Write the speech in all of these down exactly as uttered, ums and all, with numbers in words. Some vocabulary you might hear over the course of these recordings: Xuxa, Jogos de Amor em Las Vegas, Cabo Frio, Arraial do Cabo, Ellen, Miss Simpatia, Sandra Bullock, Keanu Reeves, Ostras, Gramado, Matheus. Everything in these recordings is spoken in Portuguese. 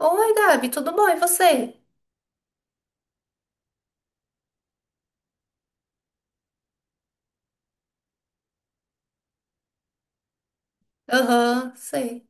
Oi, Gabi, tudo bom? E você? Aham, sei.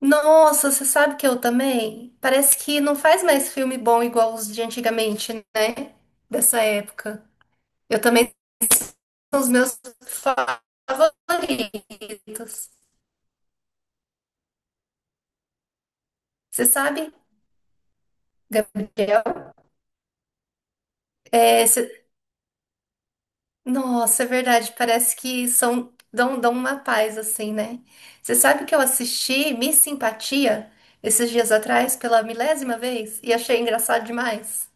Nossa, você sabe que eu também? Parece que não faz mais filme bom igual os de antigamente, né? Dessa época. Eu também são os meus favoritos. Você sabe, Gabriel? É, você Nossa, é verdade. Parece que são dão, dão uma paz assim, né? Você sabe que eu assisti Miss Simpatia esses dias atrás pela milésima vez e achei engraçado demais.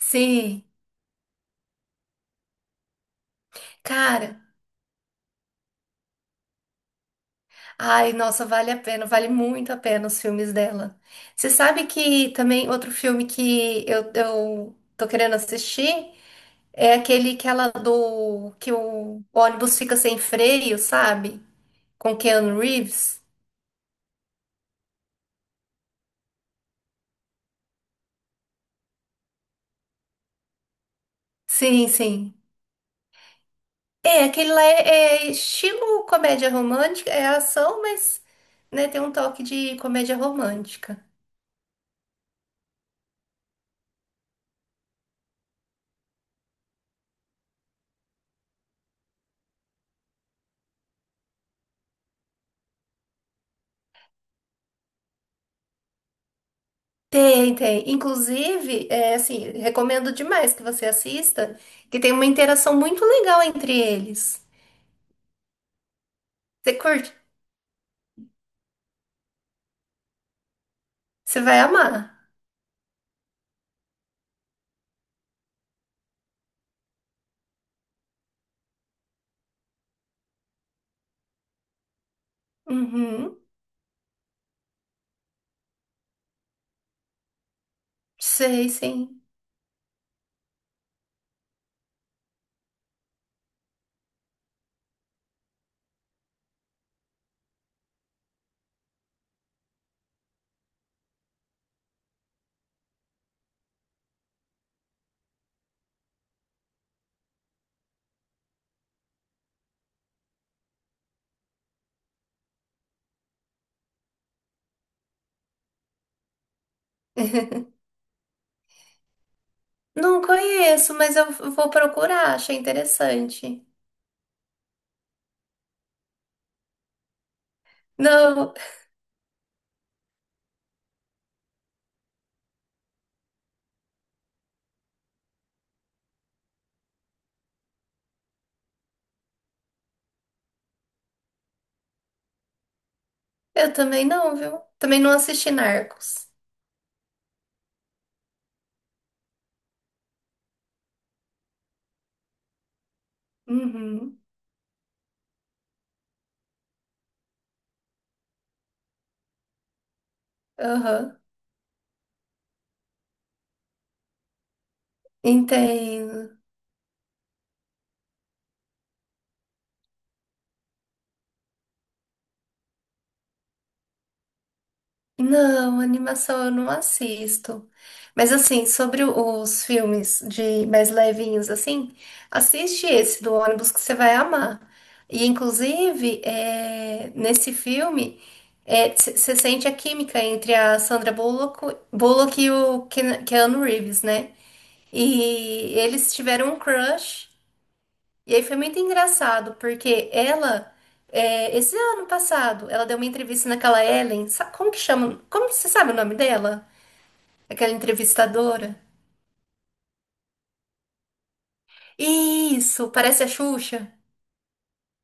Sim, cara. Ai, nossa, vale a pena, vale muito a pena os filmes dela. Você sabe que também outro filme que eu, eu tô querendo assistir é aquele que ela do que o ônibus fica sem freio, sabe? Com Keanu Reeves. Sim, sim. É, aquele lá é, é estilo comédia romântica, é ação, mas né, tem um toque de comédia romântica. Tem, tem. Inclusive, é assim, recomendo demais que você assista, que tem uma interação muito legal entre eles. Você curte? Você vai amar. Uhum. Sei, sim. Não conheço, mas eu vou procurar, achei interessante. Não, eu também não, viu? Também não assisti Narcos. Uhum. Aham. Entendo. Não, animação eu não assisto. Mas assim, sobre o- os filmes de mais levinhos, assim, assiste esse do ônibus que você vai amar. E inclusive, é, nesse filme, você sente a química entre a Sandra Bullock, Bullock e o Ken- Keanu Reeves, né? E eles tiveram um crush. E aí foi muito engraçado, porque ela, é, esse ano passado, ela deu uma entrevista naquela Ellen, sa- como que chama? Como você sabe o nome dela? Aquela entrevistadora? Isso, parece a Xuxa.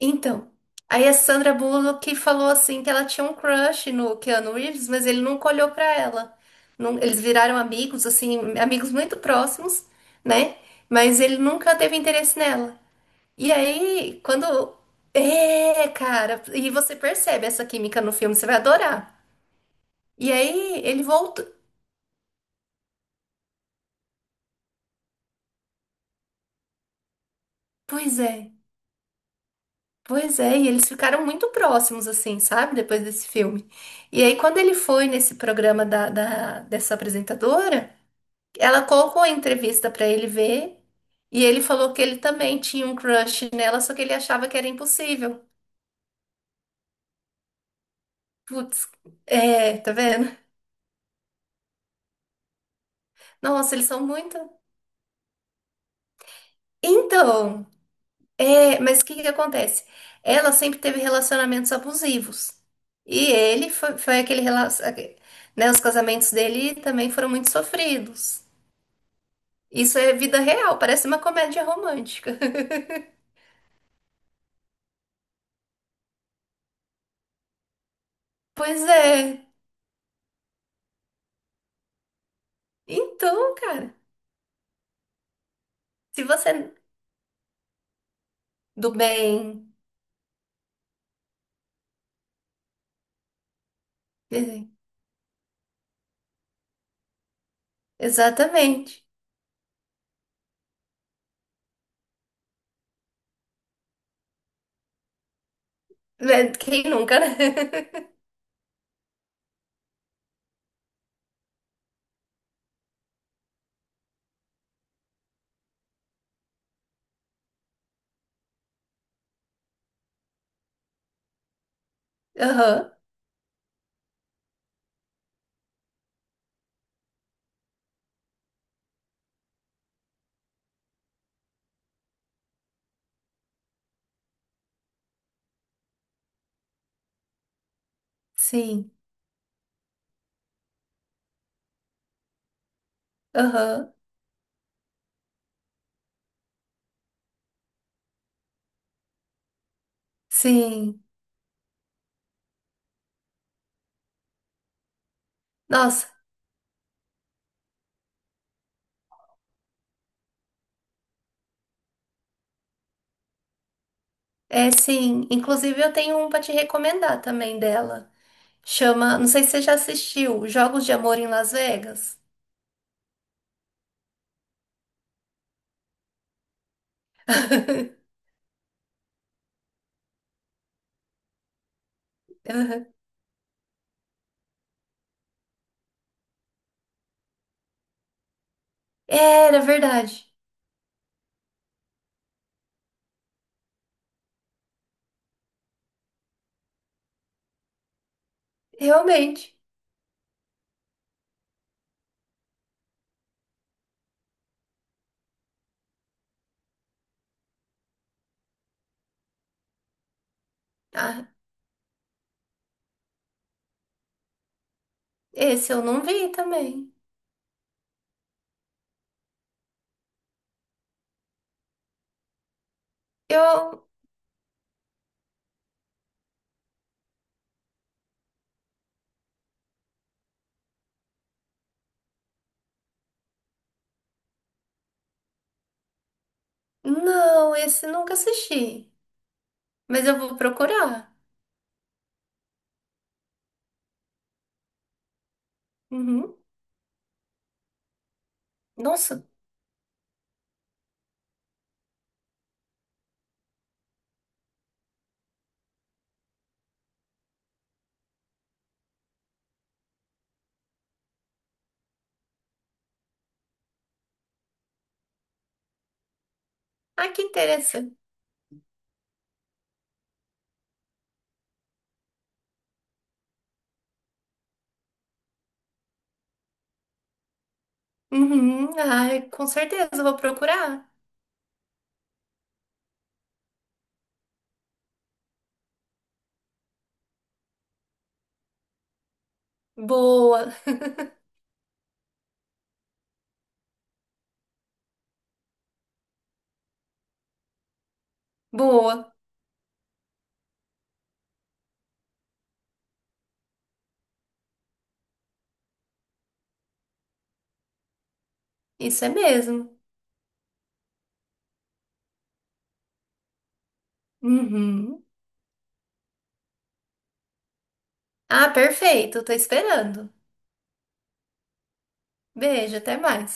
Então, aí a Sandra Bullock falou assim que ela tinha um crush no Keanu Reeves, mas ele nunca olhou pra ela. Não- eles viraram amigos, assim, amigos muito próximos, né? Mas ele nunca teve interesse nela. E aí, quando. É, cara. E você percebe essa química no filme, você vai adorar. E aí, ele voltou. Pois é, pois é. E eles ficaram muito próximos, assim, sabe? Depois desse filme. E aí, quando ele foi nesse programa da, da- dessa apresentadora, ela colocou a entrevista pra ele ver. E ele falou que ele também tinha um crush nela, só que ele achava que era impossível. Putz, é, tá vendo? Nossa, eles são muito. Então. É, mas o que que acontece? Ela sempre teve relacionamentos abusivos. E ele foi, foi aquele relacionamento. Né, os casamentos dele também foram muito sofridos. Isso é vida real, parece uma comédia romântica. Pois é. Então, cara, se você. Do bem. É, exatamente. É, quem nunca, né? Aham, sim. Aham, sim. Nossa, é sim. Inclusive, eu tenho um pra te recomendar também dela. Chama, não sei se você já assistiu, Jogos de Amor em Las Vegas. Aham. Era verdade, realmente. Ah, esse eu não vi também. Eu, não, esse nunca assisti, mas eu vou procurar. Uhum. Nossa, ah, que interessante. Uhum. Ai, com certeza eu vou procurar. Boa, boa, isso é mesmo. Uhum. Ah, perfeito, tô esperando. Beijo, até mais.